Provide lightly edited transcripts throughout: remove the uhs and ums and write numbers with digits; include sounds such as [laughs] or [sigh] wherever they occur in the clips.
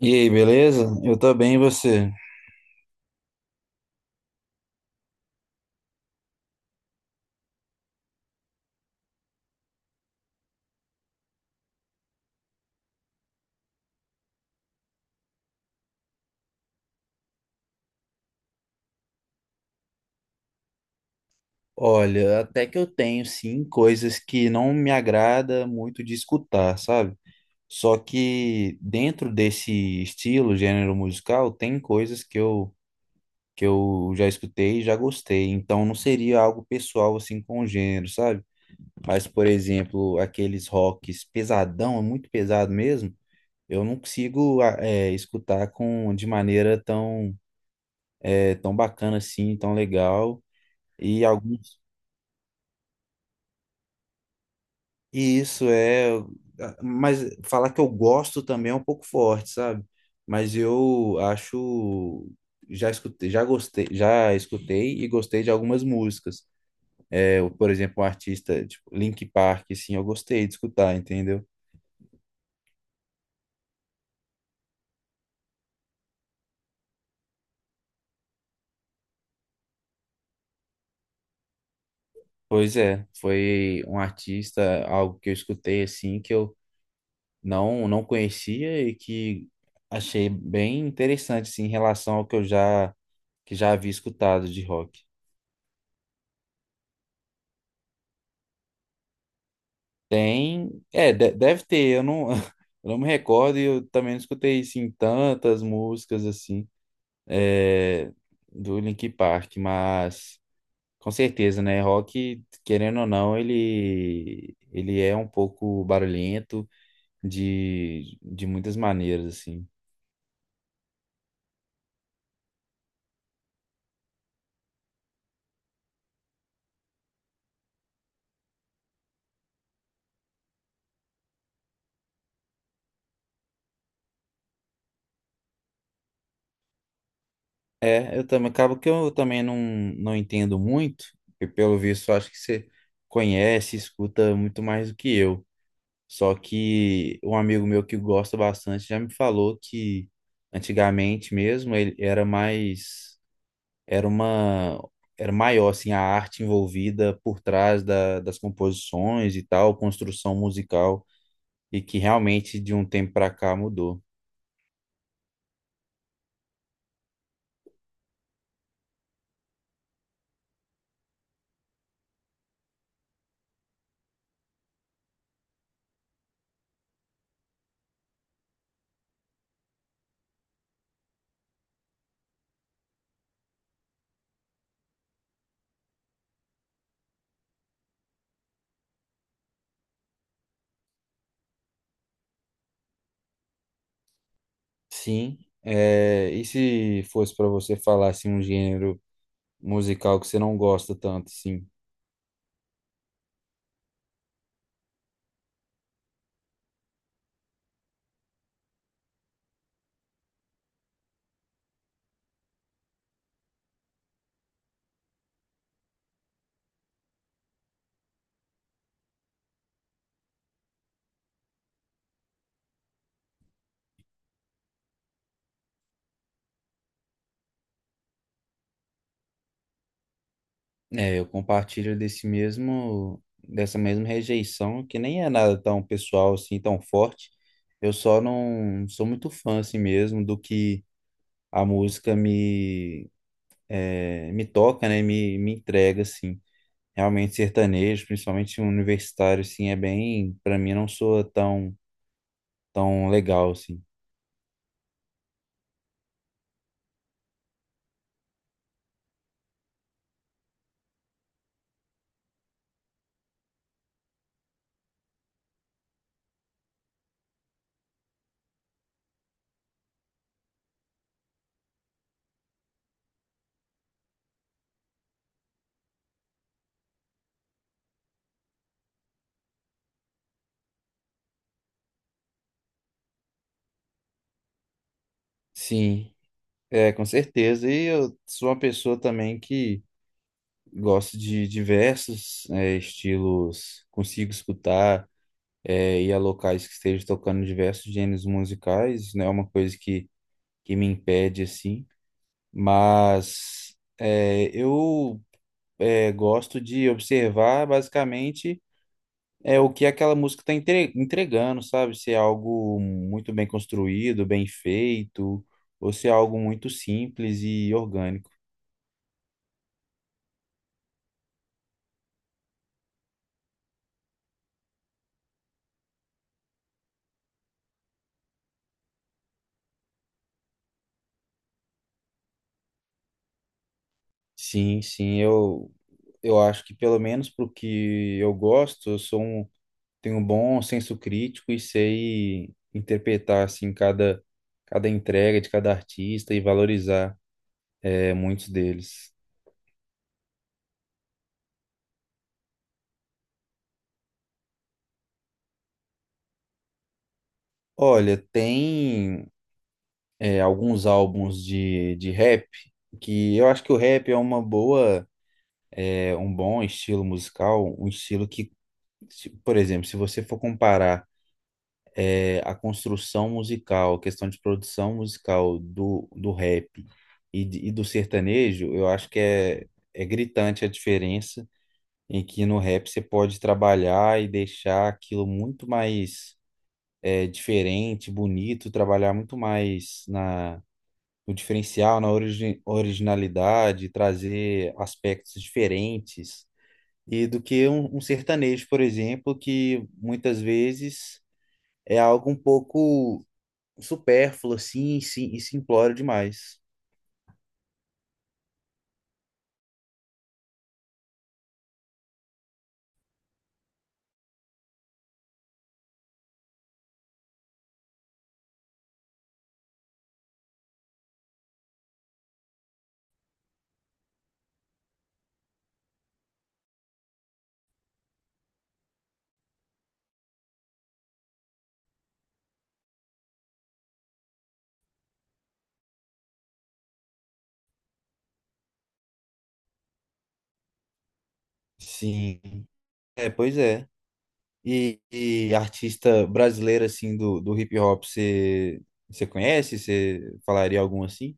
E aí, beleza? Eu tô bem, e você? Olha, até que eu tenho sim coisas que não me agrada muito de escutar, sabe? Só que dentro desse estilo, gênero musical, tem coisas que eu já escutei e já gostei. Então não seria algo pessoal assim com o gênero, sabe? Mas por exemplo, aqueles rocks pesadão, é muito pesado mesmo. Eu não consigo escutar com de maneira tão tão bacana assim, tão legal. E alguns E Isso é, ah, mas falar que eu gosto também é um pouco forte, sabe? Mas eu acho, já escutei, já gostei, já escutei e gostei de algumas músicas. Eu, por exemplo, um artista tipo Linkin Park, assim, eu gostei de escutar, entendeu? Pois é, foi um artista, algo que eu escutei assim que eu não conhecia e que achei bem interessante assim, em relação ao que já havia escutado de rock. Tem, deve ter, eu não, [laughs] eu não me recordo e eu também não escutei, assim, tantas músicas, assim, é, do Linkin Park, mas com certeza, né, rock, querendo ou não, ele é um pouco barulhento de muitas maneiras, assim. Eu também, acaba que eu também não entendo muito, e pelo visto acho que você conhece, escuta muito mais do que eu. Só que um amigo meu que gosta bastante já me falou que antigamente mesmo ele era mais, era uma, era maior assim a arte envolvida por trás das composições e tal, construção musical e que realmente de um tempo para cá mudou. Sim. E se fosse para você falar assim um gênero musical que você não gosta tanto? Assim? Eu compartilho desse mesmo, dessa mesma rejeição, que nem é nada tão pessoal assim, tão forte. Eu só não sou muito fã assim mesmo do que a música me toca, né? Me entrega assim. Realmente sertanejo, principalmente universitário assim, é bem, para mim não soa tão legal assim. Sim, com certeza. E eu sou uma pessoa também que gosto de diversos, estilos, consigo escutar ir a locais que estejam tocando diversos gêneros musicais, não é uma coisa que me impede, assim, mas eu gosto de observar basicamente o que aquela música está entregando, sabe? Se é algo muito bem construído, bem feito, ou se é algo muito simples e orgânico. Sim, sim, eu acho que pelo menos pro que eu gosto, eu sou um tenho um bom senso crítico e sei interpretar assim cada entrega de cada artista e valorizar muitos deles. Olha, tem alguns álbuns de rap que eu acho que o rap um bom estilo musical, um estilo que, por exemplo, se você for comparar a construção musical, a questão de produção musical do rap e do sertanejo, eu acho que é gritante a diferença em que no rap você pode trabalhar e deixar aquilo muito mais diferente, bonito, trabalhar muito mais no diferencial, na originalidade, trazer aspectos diferentes, e do que um sertanejo, por exemplo, que muitas vezes é algo um pouco supérfluo, assim, e simplório demais. Sim, pois é. E artista brasileira assim, do hip hop, você conhece? Você falaria algum assim?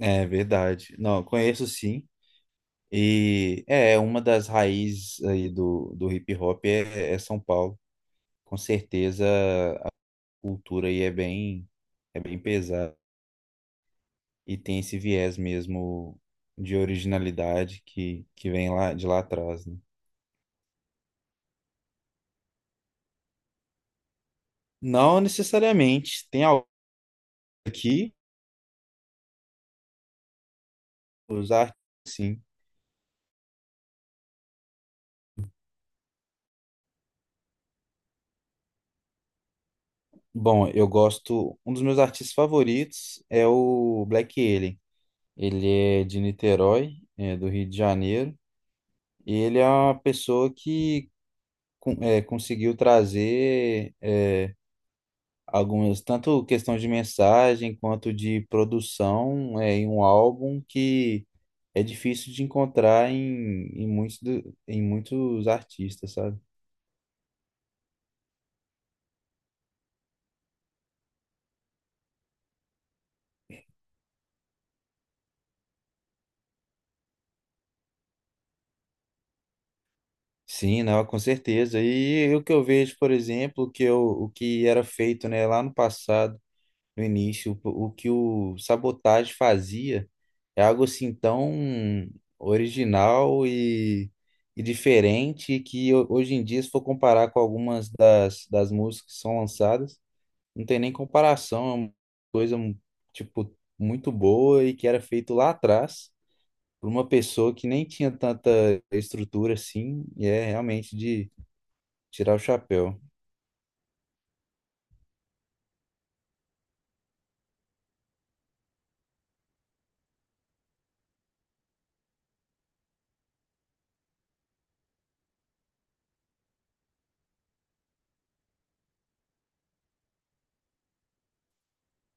É verdade. Não, conheço sim. E é uma das raízes aí do hip hop é São Paulo. Com certeza a cultura aí é bem pesada. E tem esse viés mesmo de originalidade que vem lá de lá atrás, né? Não necessariamente. Tem algo aqui, os artistas. Bom, eu gosto. Um dos meus artistas favoritos é o Black Alien. Ele é de Niterói, é do Rio de Janeiro, e ele é uma pessoa que conseguiu trazer algumas, tanto questão de mensagem quanto de produção em um álbum que é difícil de encontrar em muitos artistas, sabe? Sim, não, com certeza. E o que eu vejo, por exemplo, o que era feito, né, lá no passado no início. O que o Sabotage fazia é algo assim tão original e diferente que hoje em dia, se for comparar com algumas das músicas que são lançadas, não tem nem comparação. É uma coisa tipo muito boa e que era feito lá atrás por uma pessoa que nem tinha tanta estrutura assim, e é realmente de tirar o chapéu.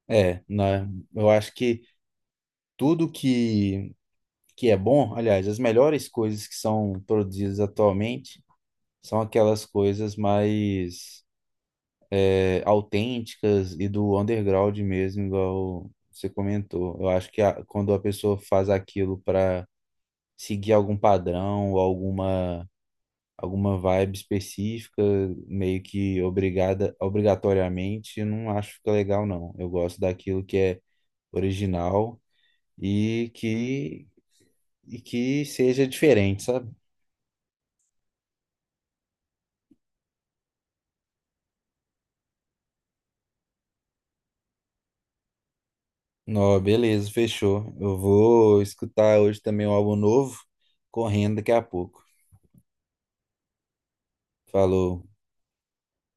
É, né? Eu acho que tudo que é bom, aliás, as melhores coisas que são produzidas atualmente são aquelas coisas mais autênticas e do underground mesmo, igual você comentou. Eu acho que quando a pessoa faz aquilo para seguir algum padrão ou alguma vibe específica, meio que obrigatoriamente, eu não acho que fica legal, não. Eu gosto daquilo que é original e que seja diferente, sabe? Ó, beleza, fechou. Eu vou escutar hoje também um álbum novo, correndo daqui a pouco. Falou.